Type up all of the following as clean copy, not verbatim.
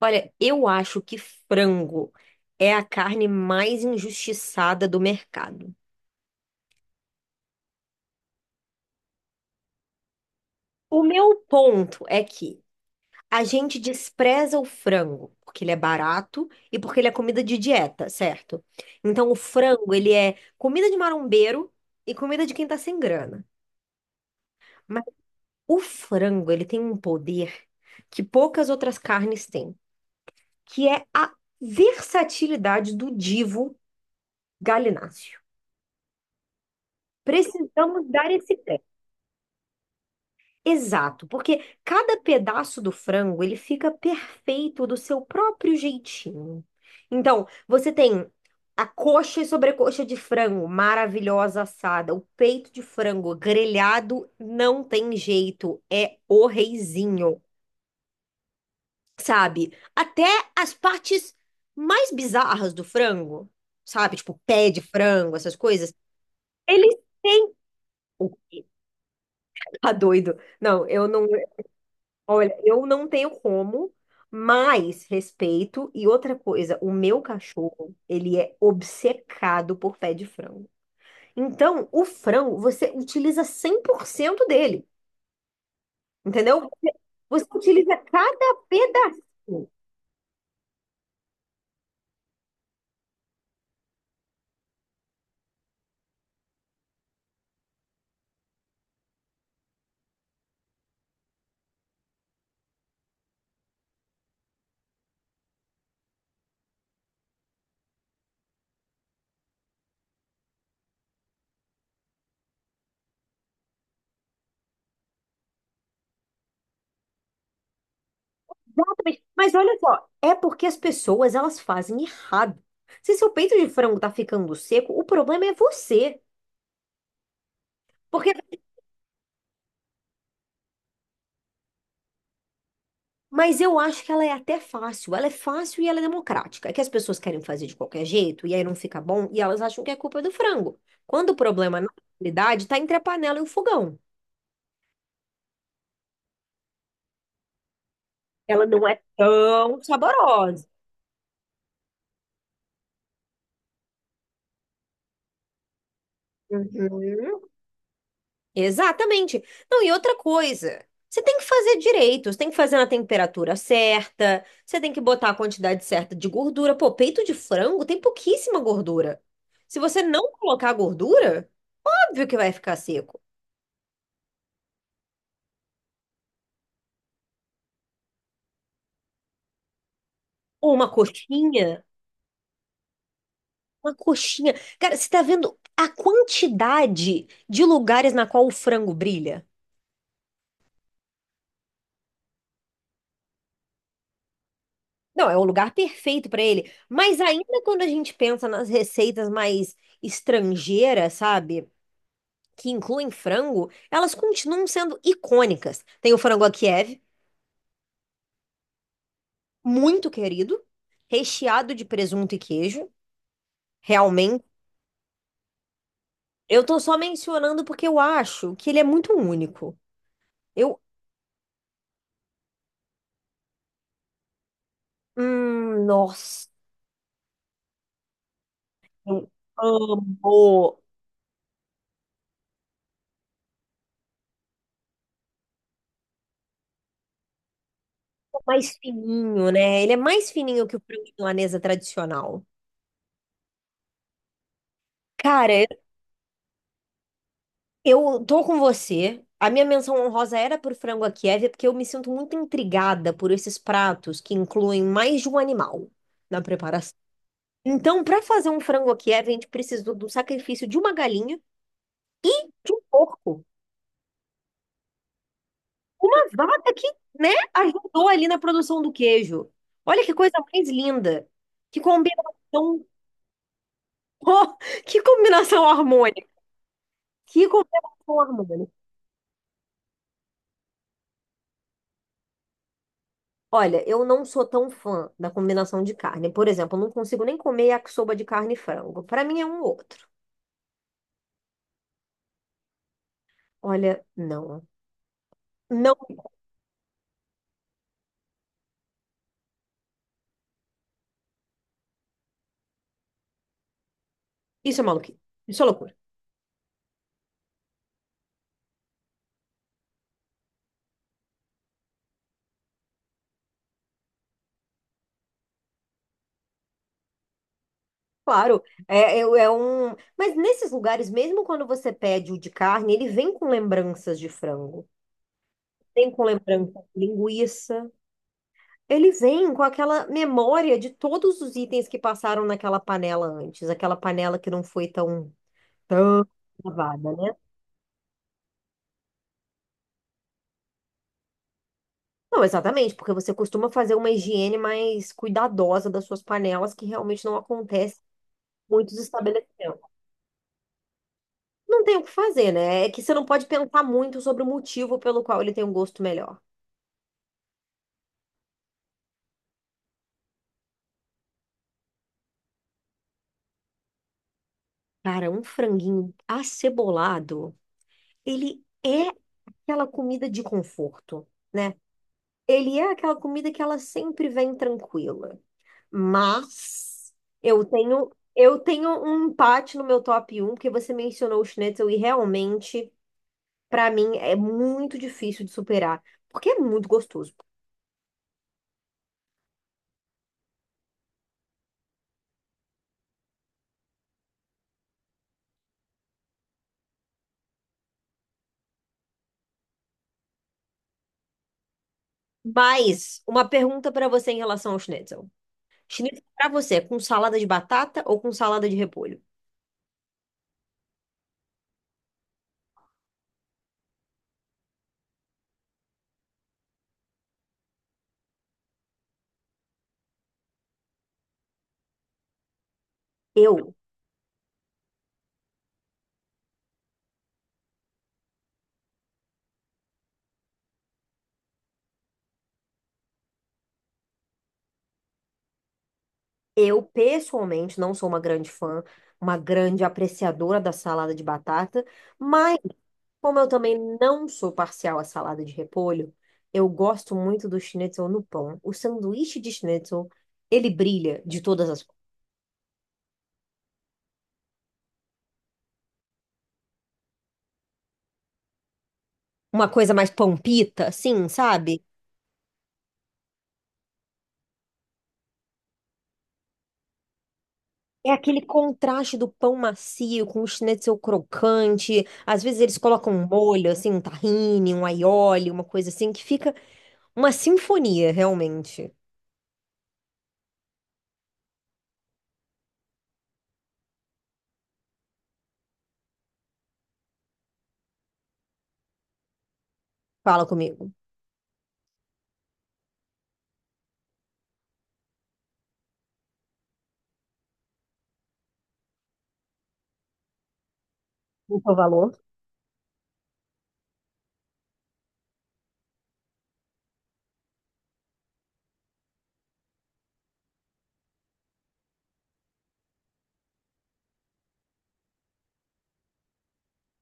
Olha, eu acho que frango é a carne mais injustiçada do mercado. O meu ponto é que a gente despreza o frango porque ele é barato e porque ele é comida de dieta, certo? Então o frango, ele é comida de marombeiro e comida de quem tá sem grana. Mas o frango, ele tem um poder que poucas outras carnes têm, que é a versatilidade do divo galináceo. Precisamos dar esse. Exato, porque cada pedaço do frango ele fica perfeito do seu próprio jeitinho. Então, você tem a coxa e sobrecoxa de frango maravilhosa assada, o peito de frango grelhado não tem jeito, é o reizinho, sabe? Até as partes mais bizarras do frango, sabe? Tipo pé de frango, essas coisas, eles têm. Tá doido. Não, eu não. Olha, eu não tenho como, mas respeito. E outra coisa, o meu cachorro, ele é obcecado por pé de frango. Então, o frango, você utiliza 100% dele, entendeu? Você utiliza cada pedacinho. Exatamente. Mas olha só, é porque as pessoas, elas fazem errado. Se seu peito de frango tá ficando seco, o problema é você. Porque. Mas eu acho que ela é até fácil. Ela é fácil e ela é democrática. É que as pessoas querem fazer de qualquer jeito e aí não fica bom e elas acham que é culpa é do frango. Quando o problema, na realidade, está entre a panela e o fogão. Ela não é tão saborosa. Uhum. Exatamente. Não, e outra coisa, você tem que fazer direito, você tem que fazer na temperatura certa, você tem que botar a quantidade certa de gordura. Pô, peito de frango tem pouquíssima gordura. Se você não colocar gordura, óbvio que vai ficar seco. Ou uma coxinha? Uma coxinha. Cara, você tá vendo a quantidade de lugares na qual o frango brilha? Não, é o lugar perfeito pra ele. Mas ainda quando a gente pensa nas receitas mais estrangeiras, sabe? Que incluem frango, elas continuam sendo icônicas. Tem o frango a Kiev, muito querido, recheado de presunto e queijo. Realmente. Eu tô só mencionando porque eu acho que ele é muito único. Eu. Nossa. Eu amo. É mais fininho, né? Ele é mais fininho que o frango milanesa tradicional. Cara, eu tô com você. A minha menção honrosa era por frango à Kiev, porque eu me sinto muito intrigada por esses pratos que incluem mais de um animal na preparação. Então, para fazer um frango à Kiev, a gente precisou do sacrifício de uma galinha, de um porco, uma vaca que, né, ajudou ali na produção do queijo. Olha que coisa mais linda, que combinação. Oh, que combinação harmônica! Que combinação harmônica! Olha, eu não sou tão fã da combinação de carne. Por exemplo, eu não consigo nem comer yakisoba de carne e frango. Para mim é um ou outro. Olha, não. Não, isso é maluquice. Isso é loucura. Claro, é um. Mas nesses lugares, mesmo quando você pede o de carne, ele vem com lembranças de frango. Vem com lembrança de linguiça. Ele vem com aquela memória de todos os itens que passaram naquela panela antes, aquela panela que não foi tão lavada, né? Não, exatamente, porque você costuma fazer uma higiene mais cuidadosa das suas panelas, que realmente não acontece em muitos estabelecimentos. Não tem o que fazer, né? É que você não pode pensar muito sobre o motivo pelo qual ele tem um gosto melhor. Cara, um franguinho acebolado, ele é aquela comida de conforto, né? Ele é aquela comida que ela sempre vem tranquila. Mas eu tenho um empate no meu top um porque você mencionou o Schnitzel e realmente, pra mim, é muito difícil de superar, porque é muito gostoso. Mas uma pergunta pra você em relação ao Schnitzel. Schnitzel pra você, é com salada de batata ou com salada de repolho? Eu, eu pessoalmente não sou uma grande fã, uma grande apreciadora da salada de batata, mas como eu também não sou parcial à salada de repolho, eu gosto muito do schnitzel no pão. O sanduíche de schnitzel, ele brilha de todas as... Uma coisa mais pampita, assim, sabe? É aquele contraste do pão macio com o schnitzel crocante. Às vezes eles colocam um molho, assim, um tahine, um aioli, uma coisa assim, que fica uma sinfonia, realmente. Fala comigo. O seu valor?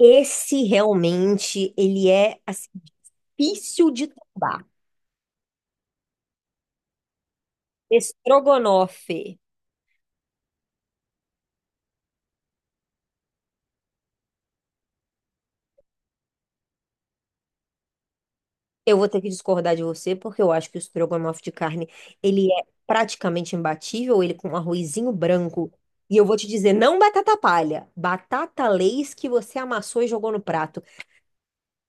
Esse realmente, ele é assim, difícil de tombar. Estrogonofe. Eu vou ter que discordar de você, porque eu acho que o estrogonofe de carne, ele é praticamente imbatível, ele com um arrozinho branco. E eu vou te dizer, não batata palha, batata Lay's que você amassou e jogou no prato.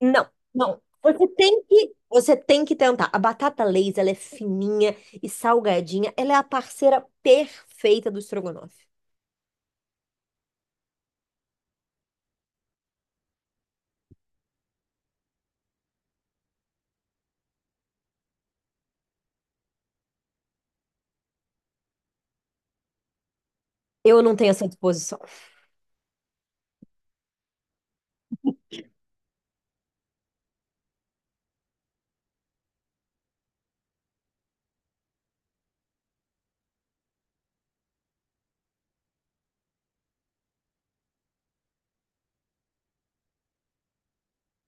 Não, não. Você tem que tentar. A batata Lay's, ela é fininha e salgadinha, ela é a parceira perfeita do estrogonofe. Eu não tenho essa disposição.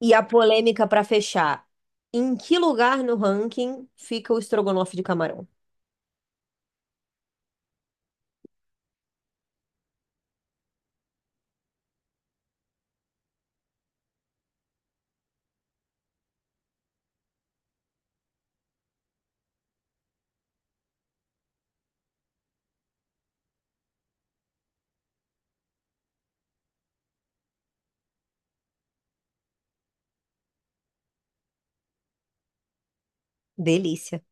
E a polêmica para fechar. Em que lugar no ranking fica o estrogonofe de camarão? Delícia.